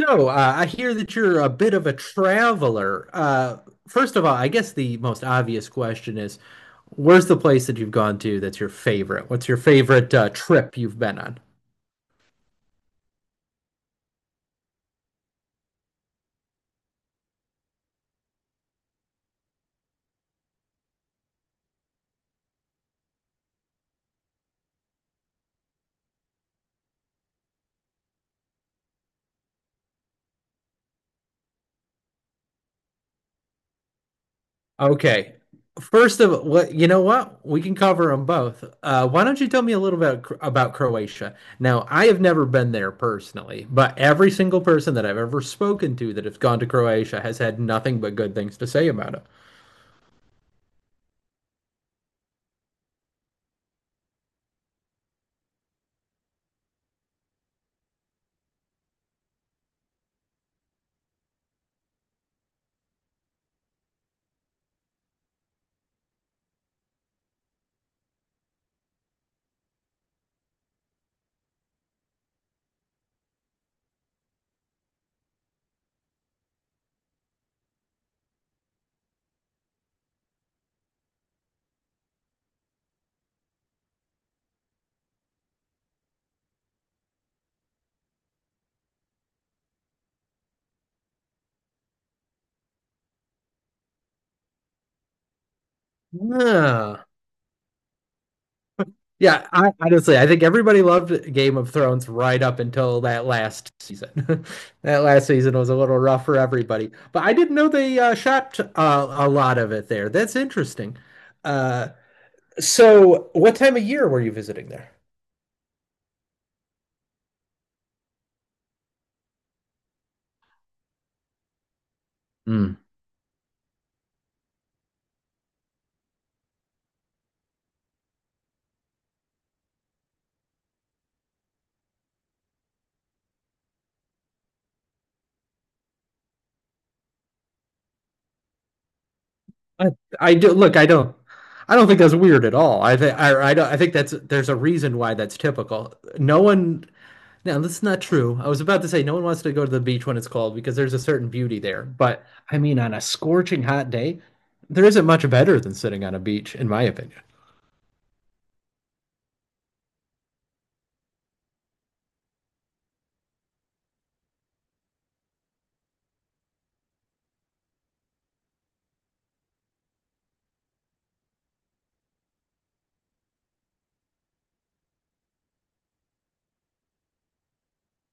So I hear that you're a bit of a traveler. First of all, I guess the most obvious question is, where's the place that you've gone to that's your favorite? What's your favorite trip you've been on? Okay. First of all, you know what? We can cover them both. Why don't you tell me a little bit about Croatia? Now, I have never been there personally, but every single person that I've ever spoken to that has gone to Croatia has had nothing but good things to say about it. Yeah. Yeah, I honestly I think everybody loved Game of Thrones right up until that last season. That last season was a little rough for everybody, but I didn't know they shot a lot of it there. That's interesting. Uh, so, what time of year were you visiting there? Mm. I, I do look. I don't think that's weird at all. I think I don't. I think that's there's a reason why that's typical. No one Now, that's not true. I was about to say no one wants to go to the beach when it's cold because there's a certain beauty there. But I mean, on a scorching hot day, there isn't much better than sitting on a beach, in my opinion.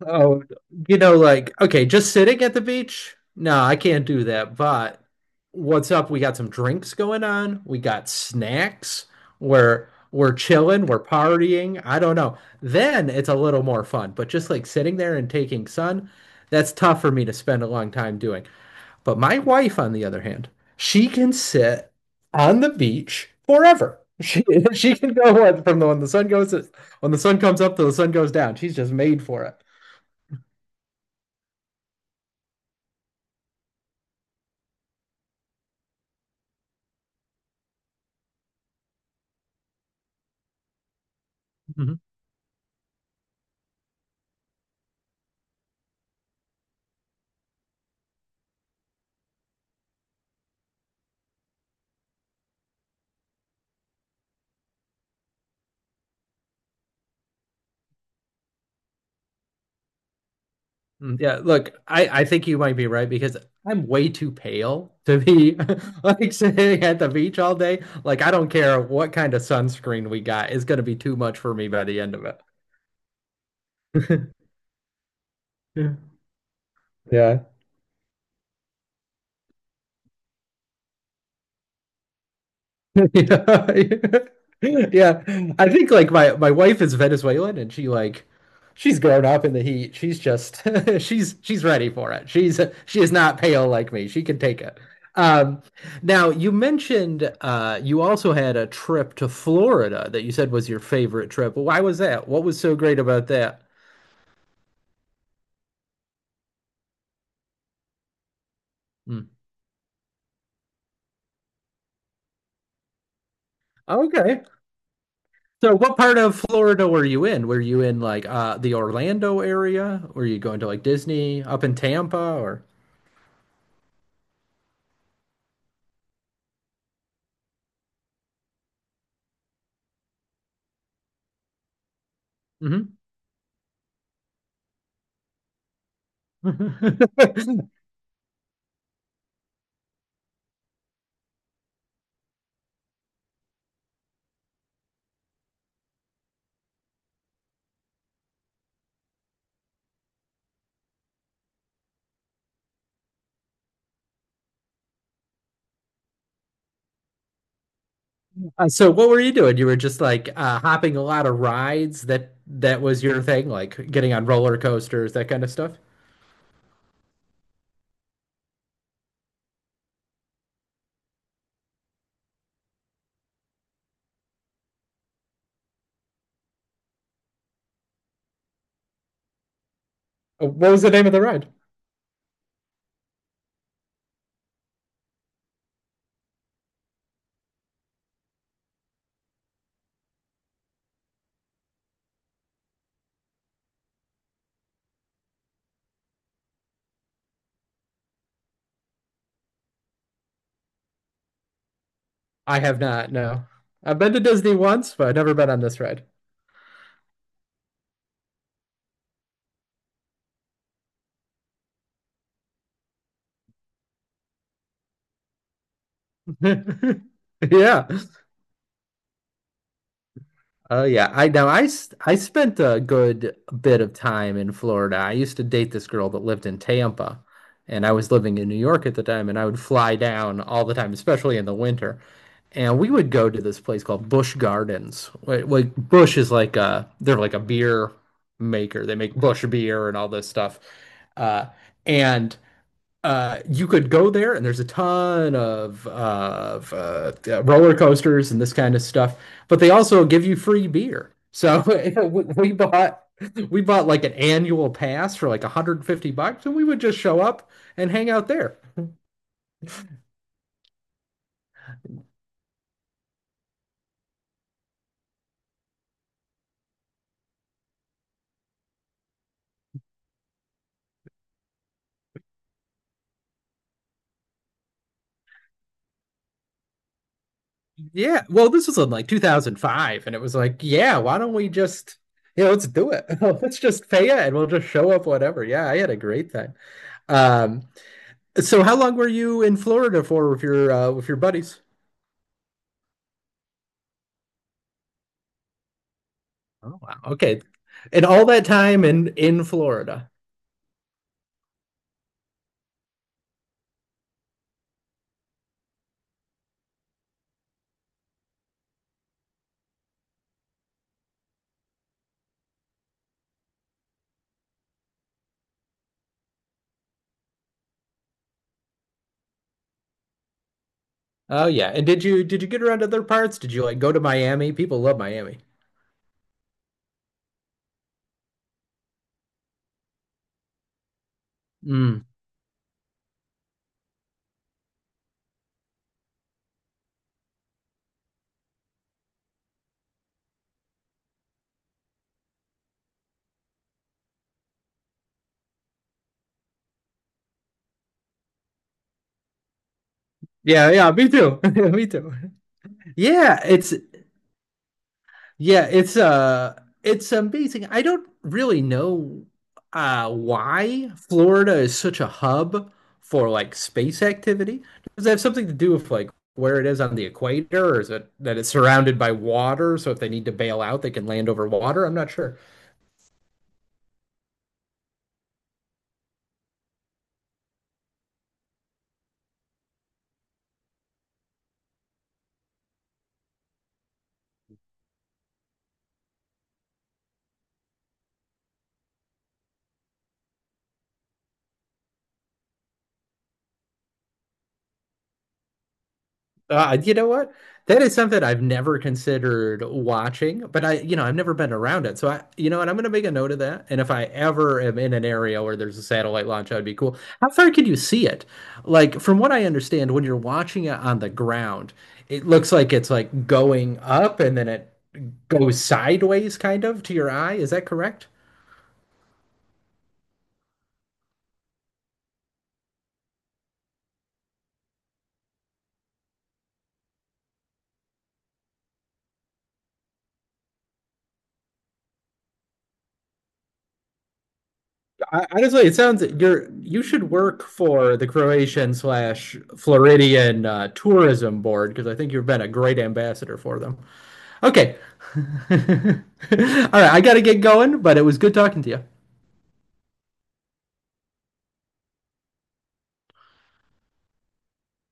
Oh, you know, like, okay, just sitting at the beach? No, I can't do that. But what's up? We got some drinks going on. We got snacks. We're chilling, we're partying. I don't know. Then it's a little more fun. But just like sitting there and taking sun, that's tough for me to spend a long time doing. But my wife, on the other hand, she can sit on the beach forever. She she can go on from the when the sun goes when the sun comes up to the sun goes down. She's just made for it. Yeah, look, I think you might be right because I'm way too pale to be like sitting at the beach all day. Like, I don't care what kind of sunscreen we got, it's gonna be too much for me by the end of it. Yeah. Yeah. Yeah. I think like my wife is Venezuelan, and she like she's grown up in the heat. She's just she's ready for it. She is not pale like me. She can take it. Um, now you mentioned you also had a trip to Florida that you said was your favorite trip. Well, why was that? What was so great about that? Hmm. Okay. So what part of Florida were you in? Were you in like the Orlando area? Were you going to like Disney up in Tampa or? Mm-hmm. So what were you doing? You were just like hopping a lot of rides. That was your thing, like getting on roller coasters, that kind of stuff. What was the name of the ride? I have not, no. I've been to Disney once, but I've never been on this ride. Yeah. Oh yeah, I now I s- I spent a good bit of time in Florida. I used to date this girl that lived in Tampa, and I was living in New York at the time, and I would fly down all the time, especially in the winter. And we would go to this place called Busch Gardens. Like Busch is like a beer maker. They make Busch beer and all this stuff. Uh, and you could go there, and there's a ton of roller coasters and this kind of stuff. But they also give you free beer. So we we bought we bought like an annual pass for like 150 bucks, and we would just show up and hang out there. Yeah, well, this was in like 2005, and it was like, yeah, why don't we just you know let's do it? Let's just pay it, and we'll just show up whatever. Yeah, I had a great time. Um, so how long were you in Florida for with your buddies? Oh wow. Okay. And all that time in Florida. Oh yeah. And did you get around to other parts? Did you like go to Miami? People love Miami. Mm. Yeah, yeah, me too. Me too. Yeah, it's yeah, it's amazing. I don't really know why Florida is such a hub for like space activity. Does that have something to do with like where it is on the equator, or is it that it's surrounded by water, so if they need to bail out, they can land over water? I'm not sure. You know what? That is something I've never considered watching, but I, you know, I've never been around it. So I, you know, and I'm going to make a note of that. And if I ever am in an area where there's a satellite launch, that'd be cool. How far can you see it? Like, from what I understand, when you're watching it on the ground, it looks like it's like going up and then it goes sideways kind of to your eye. Is that correct? I honestly, it sounds you're you should work for the Croatian slash Floridian tourism board because I think you've been a great ambassador for them. Okay. All right, I gotta get going, but it was good talking to you.